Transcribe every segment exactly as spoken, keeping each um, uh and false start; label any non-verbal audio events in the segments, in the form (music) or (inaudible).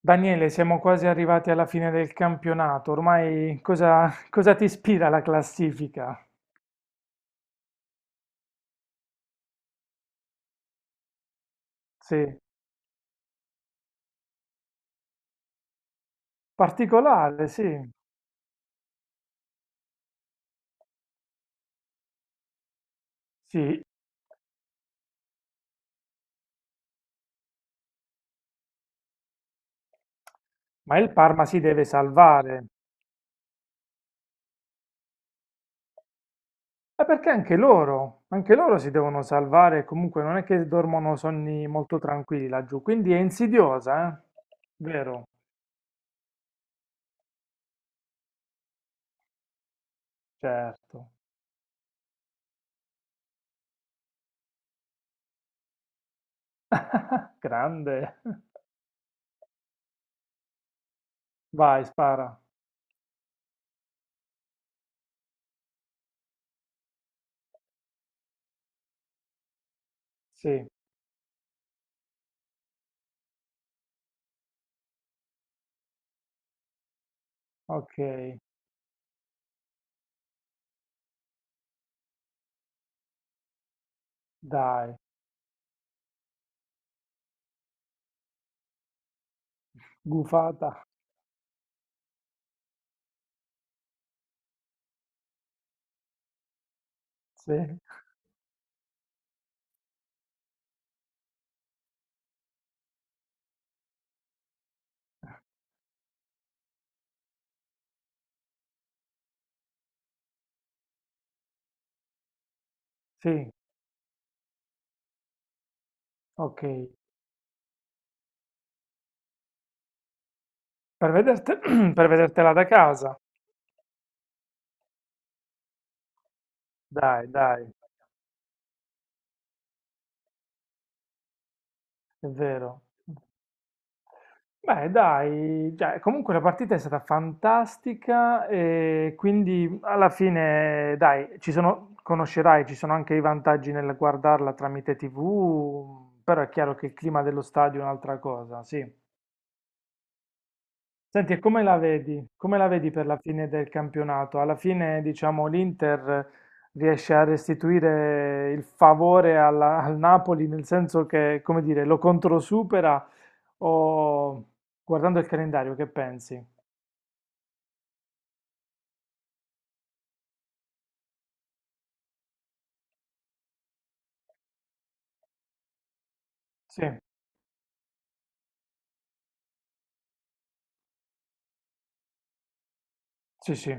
Daniele, siamo quasi arrivati alla fine del campionato. Ormai cosa, cosa ti ispira la classifica? Sì, particolare, sì, sì. Ma il Parma si deve salvare. Ma perché anche loro, anche loro si devono salvare. Comunque non è che dormono sonni molto tranquilli laggiù. Quindi è insidiosa, eh? Vero? Certo. (laughs) Grande. Vai, spara. Sì, ok. Dai. Gufata. Sì, sì. Ok, per vederti- (clears throat) per vedertela da casa. Dai, dai, è vero. Beh, dai, cioè, comunque la partita è stata fantastica e quindi alla fine, dai, ci sono, conoscerai, ci sono anche i vantaggi nel guardarla tramite T V, però è chiaro che il clima dello stadio è un'altra cosa, sì. Senti, e come la vedi? Come la vedi per la fine del campionato? Alla fine, diciamo, l'Inter riesce a restituire il favore alla- al Napoli, nel senso che, come dire, lo controsupera o guardando il calendario, che pensi? Sì, sì, sì,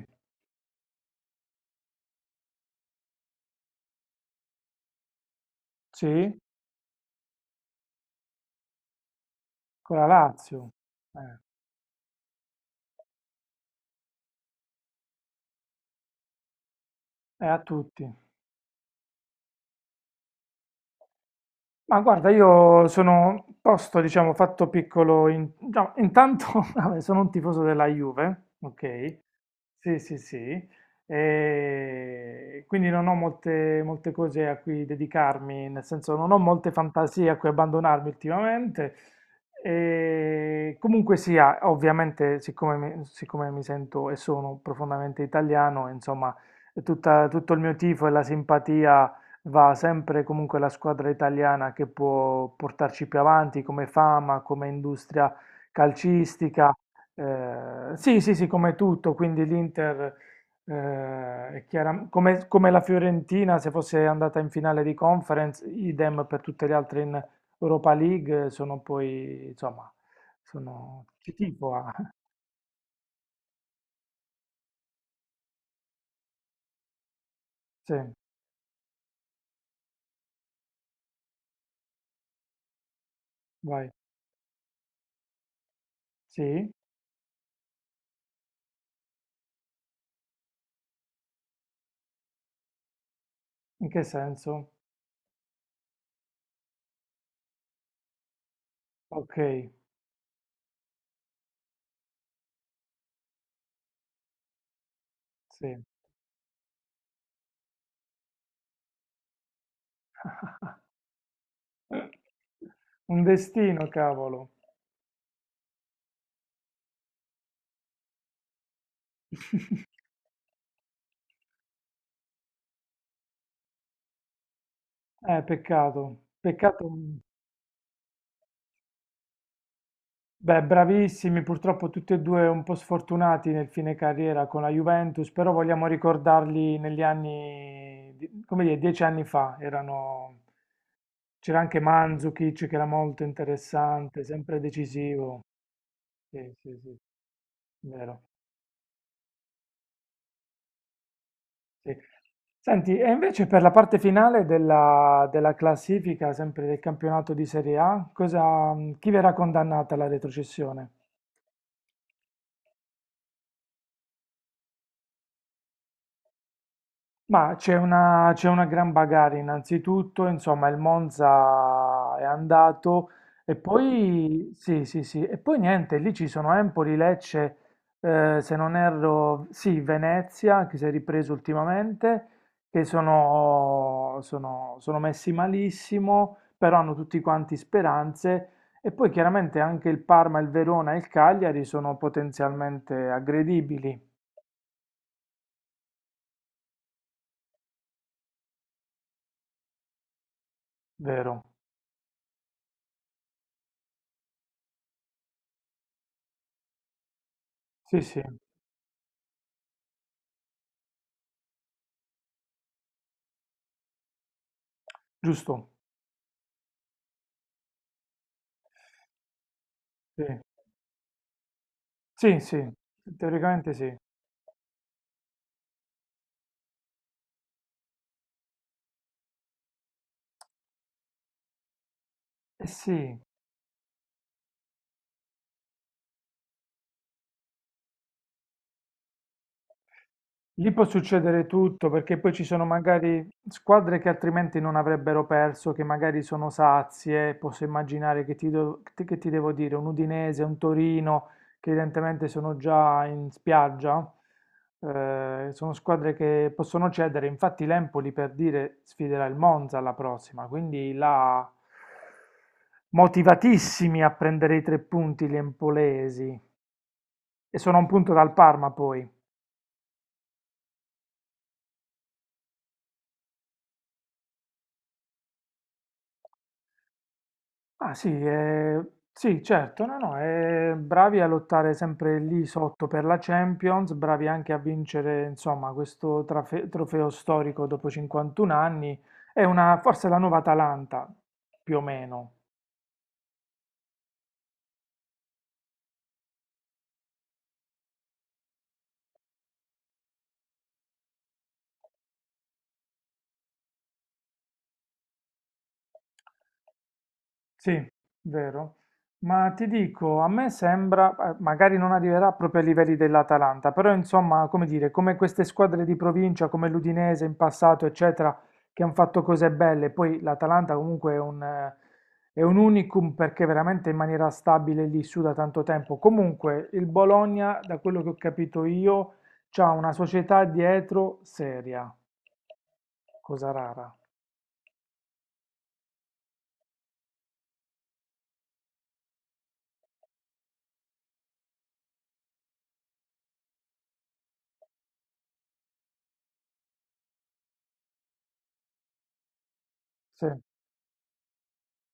sì, con la Lazio, eh, è a tutti. Ma guarda, io sono posto, diciamo, fatto piccolo. In- no, intanto, (laughs) vabbè, sono un tifoso della Juve, ok? Sì, sì, sì. E quindi non ho molte, molte cose a cui dedicarmi, nel senso non ho molte fantasie a cui abbandonarmi ultimamente. E comunque sia, ovviamente, siccome mi, siccome mi sento e sono profondamente italiano, insomma, tutta- tutto il mio tifo e la simpatia va sempre comunque la squadra italiana che può portarci più avanti come fama, come industria calcistica. Eh, sì, sì, sì, come tutto. Quindi l'Inter, eh, è chiara- come, come la Fiorentina, se fosse andata in finale di conference, idem per tutte le altre in Europa League, sono poi, insomma, sono... Ci tifo, ah. (laughs) Sì, vai. Sì, in che senso? Ok, sì. Eh, Un destino, cavolo. (laughs) Eh, peccato. Peccato. mm, Beh, bravissimi, purtroppo tutti e due un po' sfortunati nel fine carriera con la Juventus, però vogliamo ricordarli negli anni, di- come dire, dieci anni fa. Erano... C'era anche Mandzukic che era molto interessante, sempre decisivo. Sì, sì, sì, vero. Sì. Senti, e invece per la parte finale della, della classifica, sempre del campionato di Serie A, cosa, chi verrà condannata alla retrocessione? Ma c'è una, c'è una gran bagarre innanzitutto, insomma il Monza è andato e poi, sì, sì, sì, e poi niente, lì ci sono Empoli, Lecce, eh, se non erro, sì, Venezia che si è ripreso ultimamente, che sono, sono, sono messi malissimo, però hanno tutti quanti speranze e poi chiaramente anche il Parma, il Verona e il Cagliari sono potenzialmente aggredibili, vero? Sì, sì, giusto. Sì. Sì, sì, teoricamente sì. Eh sì, lì può succedere tutto perché poi ci sono magari squadre che altrimenti non avrebbero perso, che magari sono sazie, posso immaginare che ti, do- che ti che ti devo dire, un Udinese, un Torino, che evidentemente sono già in spiaggia, eh, sono squadre che possono cedere, infatti l'Empoli per dire sfiderà il Monza alla prossima, quindi là motivatissimi a prendere i tre punti gli empolesi. E sono a un punto dal Parma poi. Ah sì, eh, sì, certo, no, no, eh, bravi a lottare sempre lì sotto per la Champions, bravi anche a vincere, insomma, questo trafe- trofeo storico dopo cinquantuno anni. È una, forse la nuova Atalanta, più o meno. Sì, vero. Ma ti dico, a me sembra, eh, magari non arriverà proprio ai livelli dell'Atalanta, però insomma, come dire, come queste squadre di provincia, come l'Udinese in passato, eccetera, che hanno fatto cose belle, poi l'Atalanta comunque è un, eh, è un unicum perché veramente in maniera stabile lì su da tanto tempo. Comunque, il Bologna, da quello che ho capito io, c'ha una società dietro seria, cosa rara. Sì,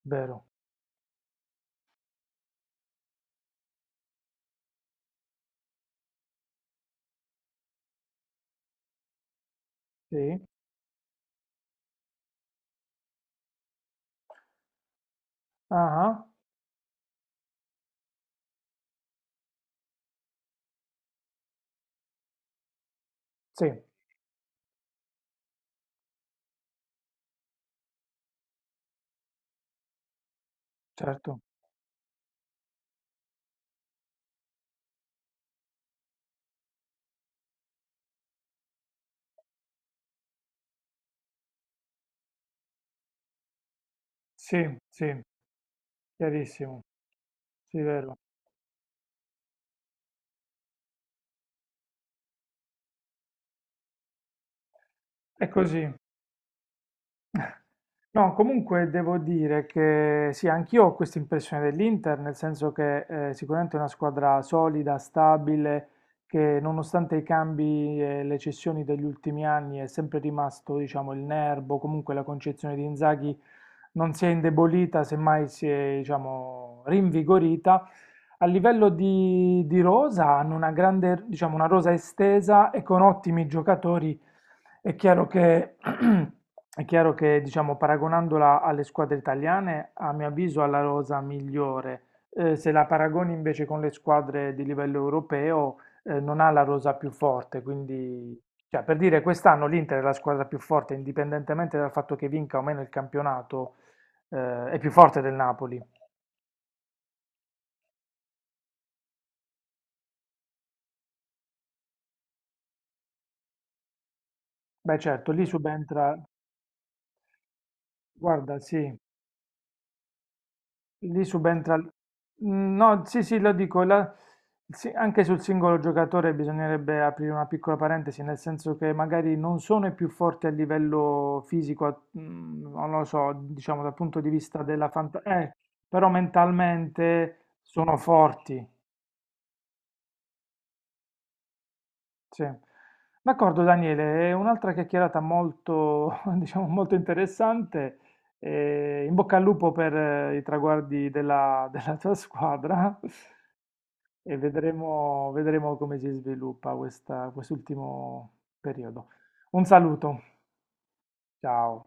vero. Sì. Ah, ah, sì, certo. Sì, sì, chiarissimo. Sì, vero. È così. No, comunque devo dire che sì, anch'io ho questa impressione dell'Inter, nel senso che eh, sicuramente è una squadra solida, stabile, che nonostante i cambi e le cessioni degli ultimi anni è sempre rimasto, diciamo, il nervo, comunque la concezione di Inzaghi non si è indebolita, semmai si è, diciamo, rinvigorita. A livello di, di rosa hanno una grande, diciamo, una rosa estesa e con ottimi giocatori. È chiaro che, (clears throat) è chiaro che, diciamo, paragonandola alle squadre italiane, a mio avviso ha la rosa migliore. Eh, se la paragoni invece con le squadre di livello europeo, eh, non ha la rosa più forte. Quindi, cioè, per dire, quest'anno l'Inter è la squadra più forte, indipendentemente dal fatto che vinca o meno il campionato, eh, è più forte del Napoli. Beh, certo, lì subentra. Guarda, sì, lì subentra. l- No, sì, sì, lo dico, la- sì, anche sul singolo giocatore bisognerebbe aprire una piccola parentesi, nel senso che magari non sono i più forti a livello fisico, a- mm, non lo so, diciamo dal punto di vista della fantasia, però mentalmente sono forti. Sì. D'accordo Daniele, è un'altra chiacchierata molto, (laughs) diciamo, molto interessante. Eh, in bocca al lupo per eh, i traguardi della, (laughs) della tua squadra e vedremo, vedremo come si sviluppa questa- quest'ultimo periodo. Un saluto, ciao.